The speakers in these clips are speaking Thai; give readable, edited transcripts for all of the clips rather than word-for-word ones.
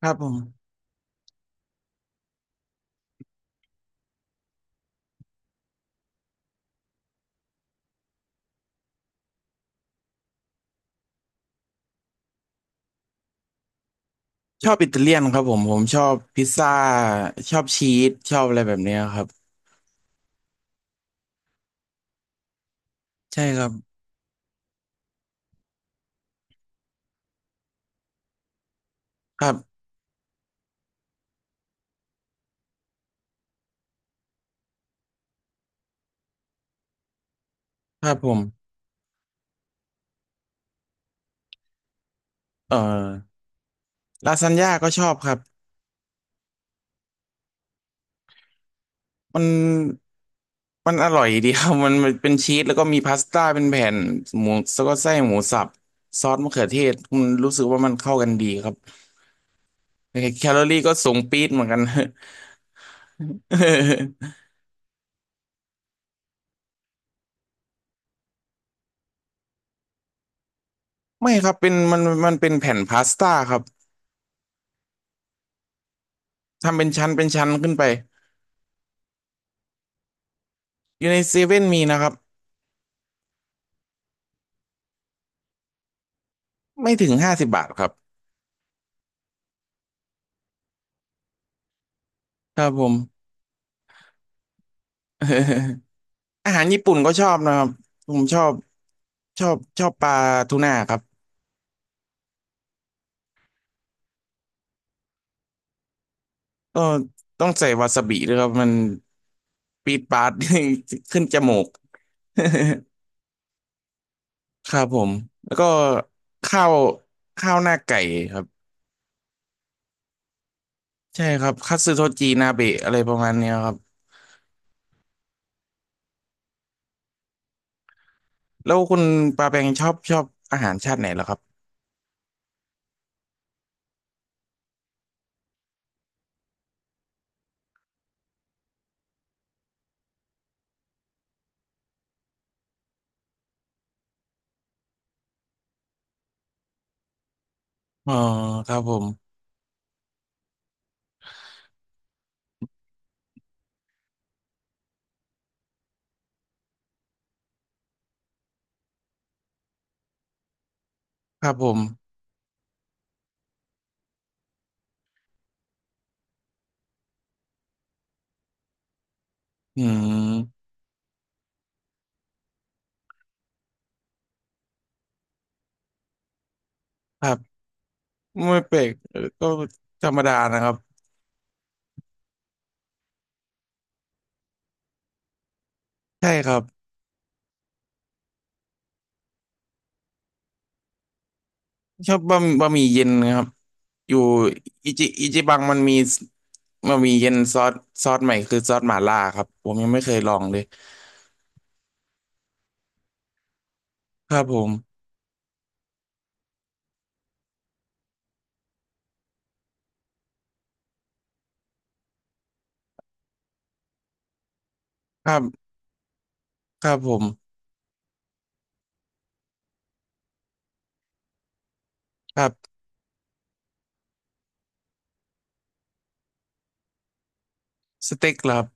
ครับผมชอบอิตาเลียนครับผมชอบพิซซ่าชอบชีสชอบอะไรแบบเนี้ยครับใช่ครับครับครับผมเอ่อลาซานญ่าก็ชอบครับมันมันอร่อยดีครับ มันเป็นชีสแล้วก็มีพาสต้าเป็นแผ่นหมูแล้วก็ไส้หมูสับซอสมะเขือเทศมันรู้สึกว่ามันเข้ากันดีครับแคลอรี่ก็สูงปี๊ดเหมือนกัน ไม่ครับเป็นมันเป็นแผ่นพาสต้าครับทำเป็นชั้นเป็นชั้นขึ้นไปอยู่ในเซเว่นมีนะครับไม่ถึง50 บาทครับ ครับผม อาหารญี่ปุ่นก็ชอบนะครับผมชอบชอบปลาทูน่าครับก็ต้องใส่วาซาบิด้วยครับมันปีดปาด ขึ้นจมูก ครับผมแล้วก็ข้าวข้าวหน้าไก่ครับใช่ครับคัตสึโทจินาเบะอะไรประมาณเนี้ยครับแล้วคุณปาแปงชอบอาหารชาติไหนเหรอครับอ๋อครับผมครับผมอืมครับไม่เปลกเออก็ธรรมดานะครับใช่ครับ ชอบบะหมี่เย็นครับอยู่อิจิบังมันมีบะหมี่เย็นซอสซอสใหม่คือซอสหม่าล่าครับผมยังไม่เคยลองเลยครับผมครับครับผมครับสเต็กเหรอครับ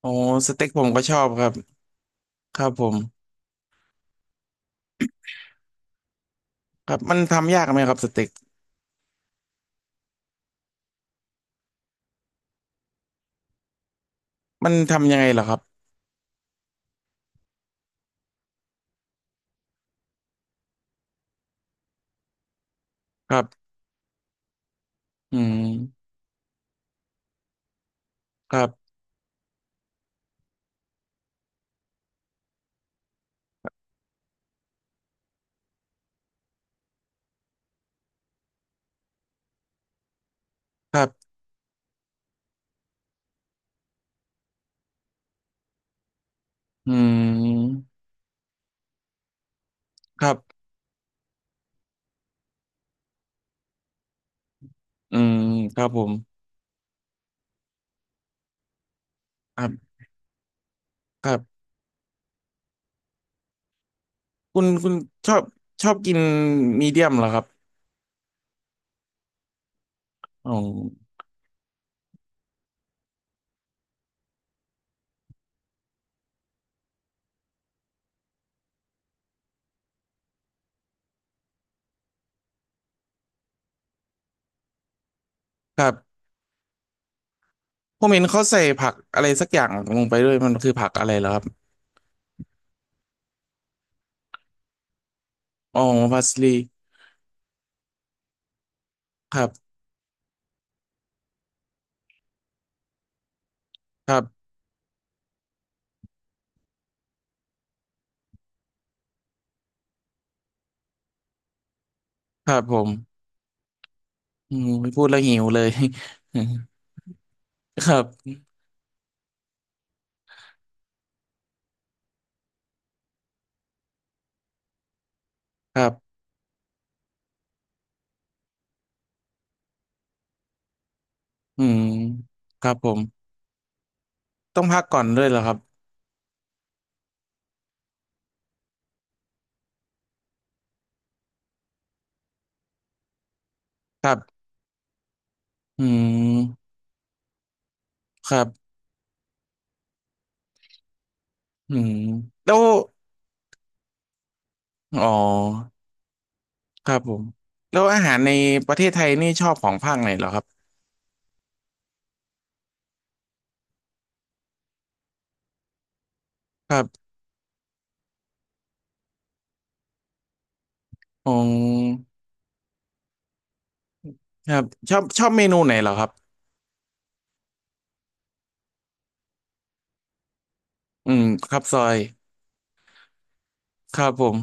โอ้สเต็กผมก็ชอบครับครับผมครับมันทำยากไหมครับสเต็กมันทำยังไงเหรอครับครับอืมครับครับอืมครับอืมครับผมครับครับคุณชอบชอบกินมีเดียมเหรอครับอ๋อครับ ผมเห็นเขาใส่ผักอะไรสักอย่างลงไปด้วยมันคือผักอะไรเหรอครับอ๋อพาสลีครับครับครับผมอืมพูดแล้วหิวเลย ครับครับอืมครับผมต้องพักก่อนด้วยเหรอครับครับอืมครับอืมแล้วอ๋อครับผมแล้วอาหารในประเทศไทยนี่ชอบของภาคไหนเหรอครับครับอ๋อครับชอบเมนูไหนเหรอครับอืมครับซอยครับผม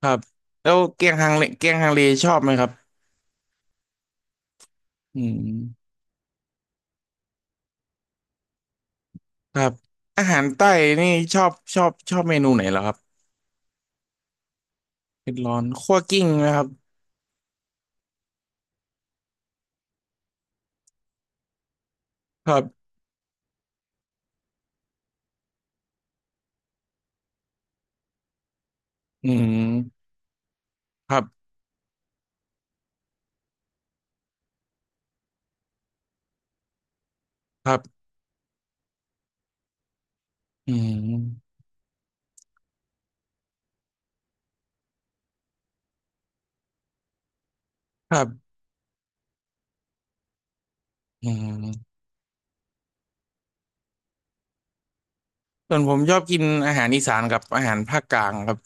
ครับแล้วเกียงฮังเลชอบไหมครับอืมครับอาหารใต้นี่ชอบเมนูไหนเหรอครับเผ็ดร้อนคั่วกลิ้งนะครับครับอืมครับครับอืมครับอืมส่วนผมชอบกินอาหารอีสานกับอาหารภาคกลางครับ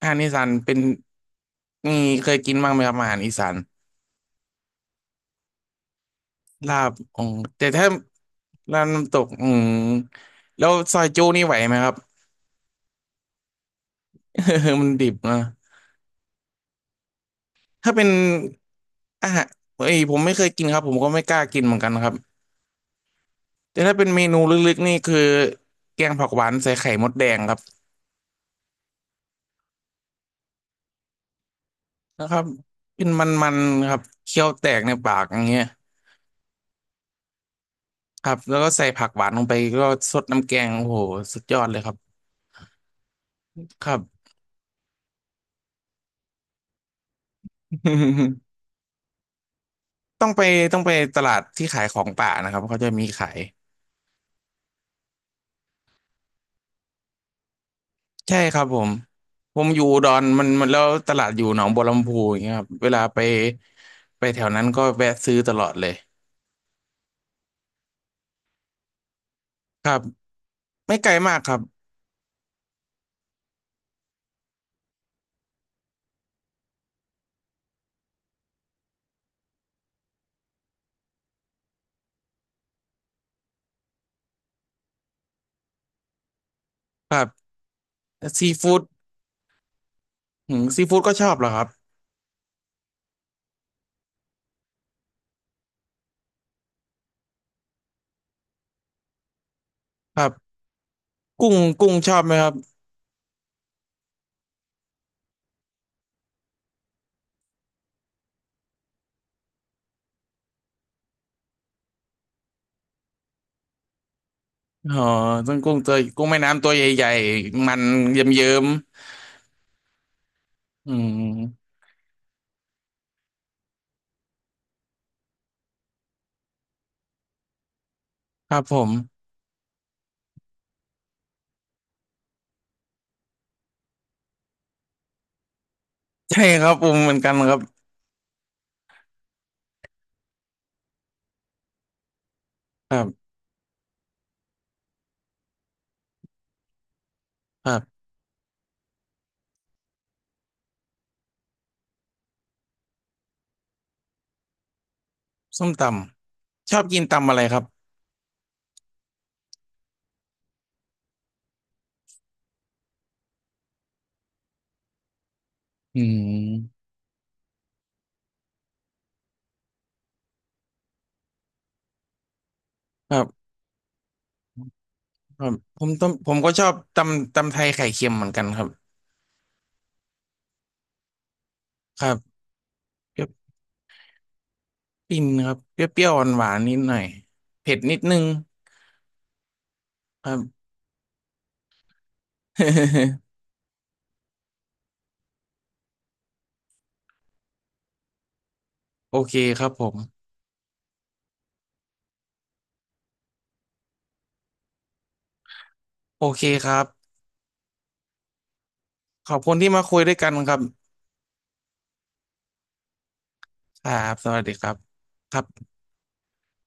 อาหารอีสานเป็นนี่เคยกินบ้างไหมครับอาหารอีสานลาบอ๋อแต่ถ้าลาบน้ำตกอืมแล้วซอยจูนี่ไหวไหมครับ มันดิบนะ ถ้าเป็นอาหารเอ้ยผมไม่เคยกินครับผมก็ไม่กล้ากินเหมือนกันครับแต่ถ้าเป็นเมนูลึกๆนี่คือแกงผักหวานใส่ไข่มดแดงครับนะครับเป็นมันๆครับเคี้ยวแตกในปากอย่างเงี้ยครับแล้วก็ใส่ผักหวานลงไปก็สดน้ำแกงโอ้โหสุดยอดเลยครับครับ ต้องไปตลาดที่ขายของป่านะครับเขาจะมีขายใช่ครับผมผมอยู่อุดอนมันมันแล้วตลาดอยู่หนองบัวลำพูอย่างเงี้ยครับเวลาไปไปแถวนั้นก็แวะซื้อตลอดเลย ครับไม่ไกลมากครับครับซีฟู้ดหืมซีฟู้ดก็ชอบเหรอครับครับกุ้งชอบไหมครับอ๋อต้นกุ้งตัวกุ้งแม่น้ำตัวใหญ่ๆมันเยิ้มๆอืมครับผมใช่ครับผมเหมือนกันครับครับครับส้มตำชอบกินตำอะไรครับอืมครับครับผมต้มผมก็ชอบตำไทยไข่เค็มเหมือนกันครับครับเปรี้ยวปิ้นครับเปรี้ยวๆหวานๆนิดหน่อยเผ็ดนิดนึงครับ โอเคครับผม โอเคครับ ขอบคุณที่มาคุยด้วยกันครับครับสวัสดีครับครับ